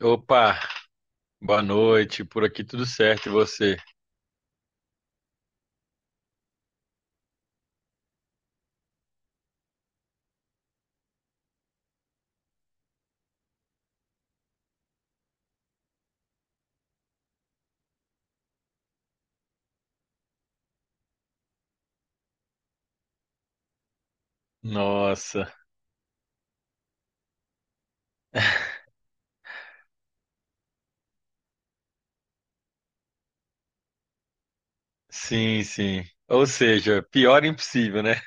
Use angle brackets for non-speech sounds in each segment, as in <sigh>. Opa, boa noite. Por aqui tudo certo e você? Nossa, <laughs> sim, sim. Ou seja, pior impossível, né?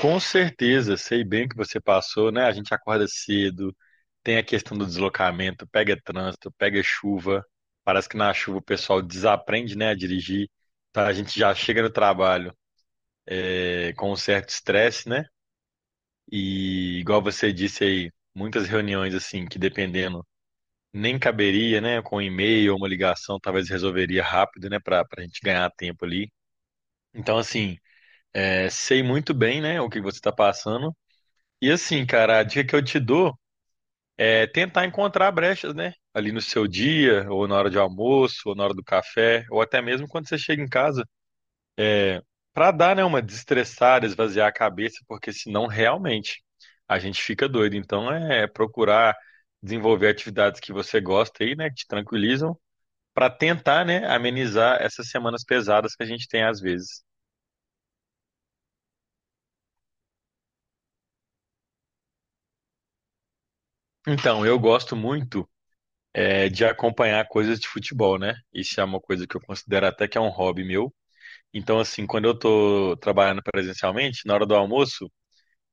Com certeza, sei bem o que você passou, né? A gente acorda cedo, tem a questão do deslocamento, pega trânsito, pega chuva. Parece que na chuva o pessoal desaprende, né, a dirigir. Então a gente já chega no trabalho com um certo estresse, né? E igual você disse aí, muitas reuniões assim, que dependendo nem caberia, né? Com um e-mail ou uma ligação, talvez resolveria rápido, né? Para a gente ganhar tempo ali. Então, assim, sei muito bem, né, o que você está passando. E assim, cara, a dica que eu te dou é tentar encontrar brechas, né, ali no seu dia, ou na hora de almoço, ou na hora do café, ou até mesmo quando você chega em casa, para dar, né, uma desestressada, esvaziar a cabeça, porque senão realmente a gente fica doido. Então é procurar desenvolver atividades que você gosta aí, né, que te tranquilizam, para tentar, né, amenizar essas semanas pesadas que a gente tem às vezes. Então, eu gosto muito de acompanhar coisas de futebol, né? Isso é uma coisa que eu considero até que é um hobby meu. Então, assim, quando eu tô trabalhando presencialmente, na hora do almoço,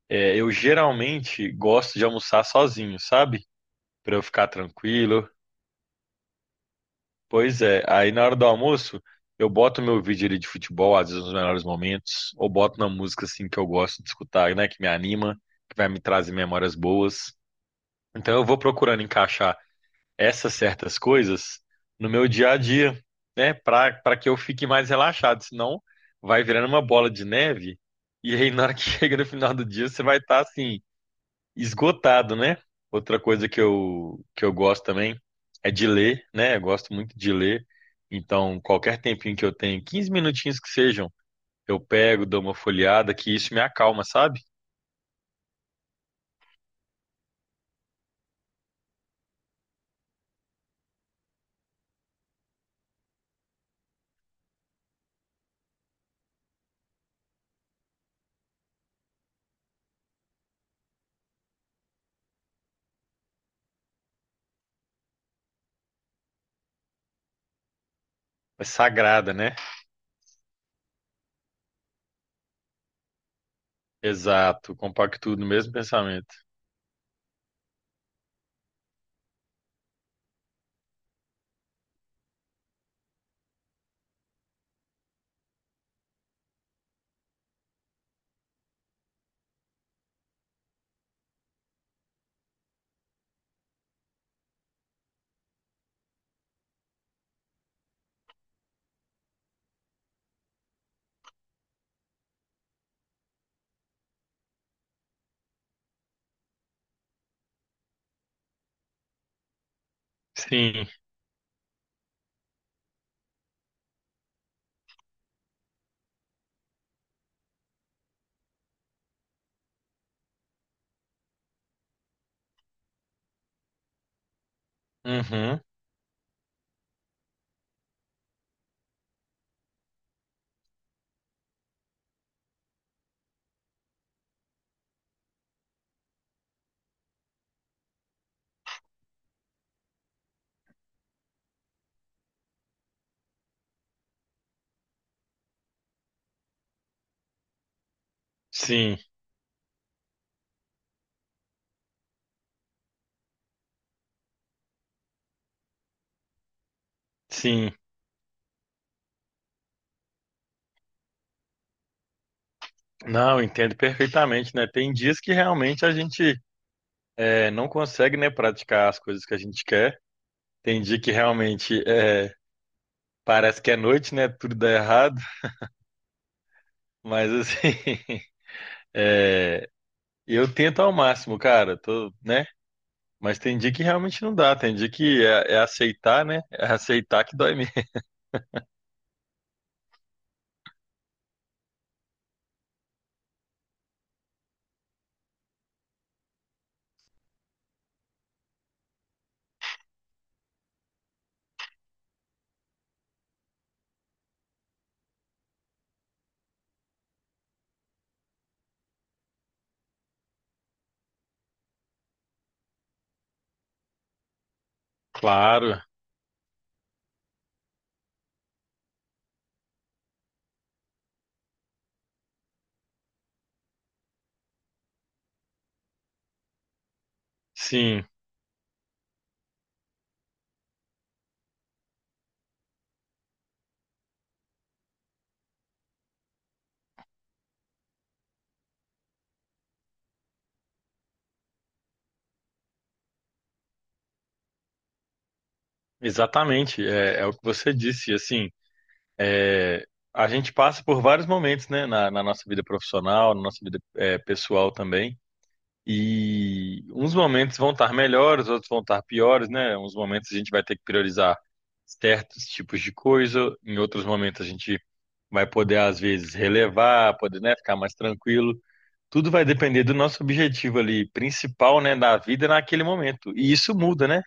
eu geralmente gosto de almoçar sozinho, sabe? Para eu ficar tranquilo. Pois é, aí na hora do almoço, eu boto meu vídeo ali de futebol, às vezes nos melhores momentos, ou boto uma música assim que eu gosto de escutar, né, que me anima, que vai me trazer memórias boas. Então eu vou procurando encaixar essas certas coisas no meu dia a dia, né? Para que eu fique mais relaxado, senão vai virando uma bola de neve, e aí na hora que <laughs> chega no final do dia você vai estar assim esgotado, né? Outra coisa que eu gosto também é de ler, né? Eu gosto muito de ler. Então, qualquer tempinho que eu tenho, 15 minutinhos que sejam, eu pego, dou uma folheada, que isso me acalma, sabe? É sagrada, né? Exato, compacto no mesmo pensamento. Sim. Uhum. Sim, sim. Não, eu entendo perfeitamente, né? Tem dias que realmente a gente não consegue, né, praticar as coisas que a gente quer. Tem dia que realmente parece que é noite, né? Tudo dá errado. Mas assim, <laughs> é, eu tento ao máximo, cara. Tô, né? Mas tem dia que realmente não dá. Tem dia que é, é aceitar, né? É aceitar que dói mesmo. <laughs> Claro. Sim, exatamente. É, é o que você disse. Assim. É, a gente passa por vários momentos, né, na nossa vida profissional, na nossa vida, é, pessoal também. E uns momentos vão estar melhores, outros vão estar piores, né? Uns momentos a gente vai ter que priorizar certos tipos de coisa, em outros momentos a gente vai poder, às vezes, relevar, poder, né, ficar mais tranquilo. Tudo vai depender do nosso objetivo ali principal, né, da vida naquele momento. E isso muda, né,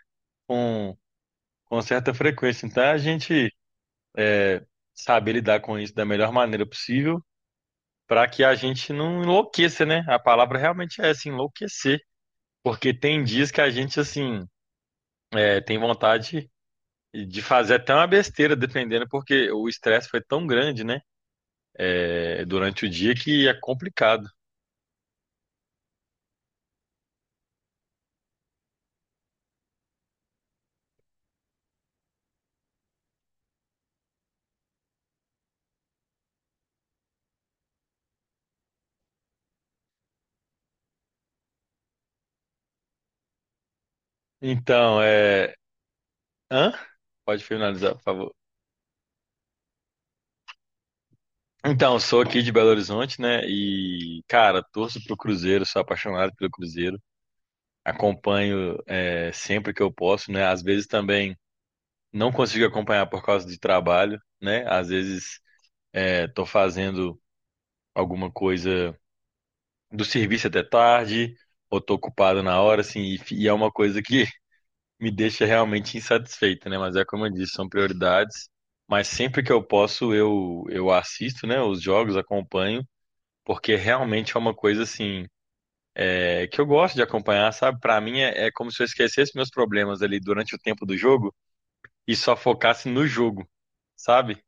com, com certa frequência. Então a gente, é, saber lidar com isso da melhor maneira possível, para que a gente não enlouqueça, né? A palavra realmente é essa, enlouquecer. Porque tem dias que a gente, assim, tem vontade de fazer até uma besteira, dependendo, porque o estresse foi tão grande, né? É durante o dia que é complicado. Então, é. Hã? Pode finalizar, por favor. Então, sou aqui de Belo Horizonte, né? E, cara, torço pro Cruzeiro, sou apaixonado pelo Cruzeiro. Acompanho sempre que eu posso, né? Às vezes também não consigo acompanhar por causa de trabalho, né? Às vezes tô fazendo alguma coisa do serviço até tarde, ou tô ocupado na hora, assim, e, e é uma coisa que <laughs> me deixa realmente insatisfeito, né? Mas é como eu disse, são prioridades. Mas sempre que eu posso, eu assisto, né, os jogos, acompanho. Porque realmente é uma coisa assim, é, que eu gosto de acompanhar, sabe? Pra mim é, é como se eu esquecesse meus problemas ali durante o tempo do jogo e só focasse no jogo, sabe?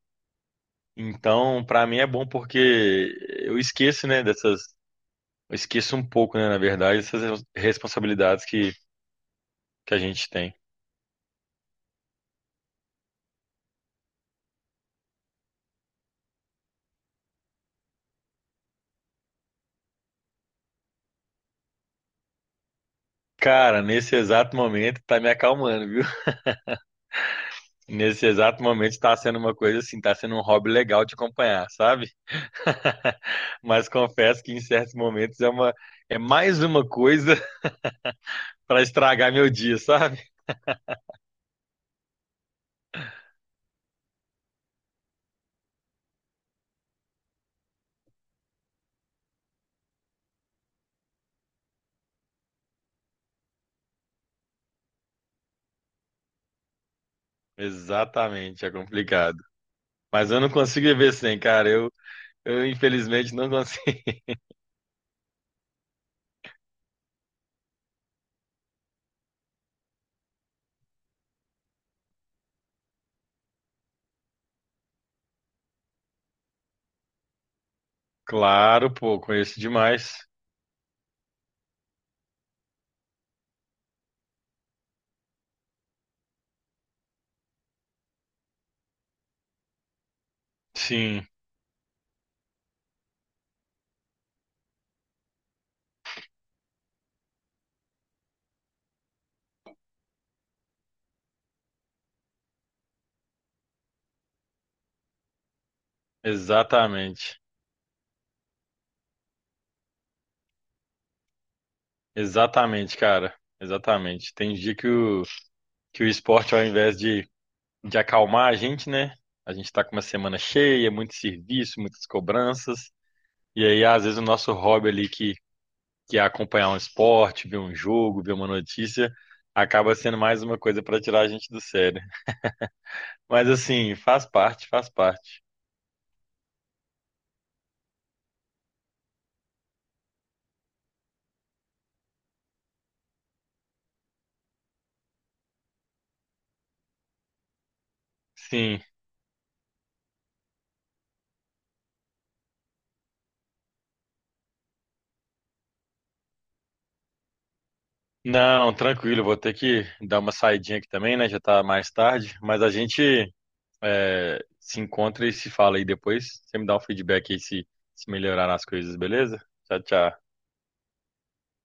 Então, pra mim é bom porque eu esqueço, né, dessas, eu esqueço um pouco, né, na verdade, essas responsabilidades que a gente tem. Cara, nesse exato momento tá me acalmando, viu? <laughs> Nesse exato momento tá sendo uma coisa assim, tá sendo um hobby legal de acompanhar, sabe? <laughs> Mas confesso que em certos momentos é uma é mais uma coisa <laughs> pra estragar meu dia, sabe? Exatamente, é complicado. Mas eu não consigo viver sem, cara. Eu, infelizmente, não consegui. <laughs> Claro, pô, conheço demais. Sim, exatamente. Exatamente, cara. Exatamente. Tem dia que que o esporte, ao invés de acalmar a gente, né? A gente tá com uma semana cheia, muito serviço, muitas cobranças. E aí, às vezes, o nosso hobby ali, que é acompanhar um esporte, ver um jogo, ver uma notícia, acaba sendo mais uma coisa pra tirar a gente do sério. Mas, assim, faz parte, faz parte. Sim. Não, tranquilo, vou ter que dar uma saidinha aqui também, né? Já tá mais tarde, mas a gente, se encontra e se fala aí depois. Você me dá um feedback aí se melhorar as coisas, beleza? Tchau, tchau.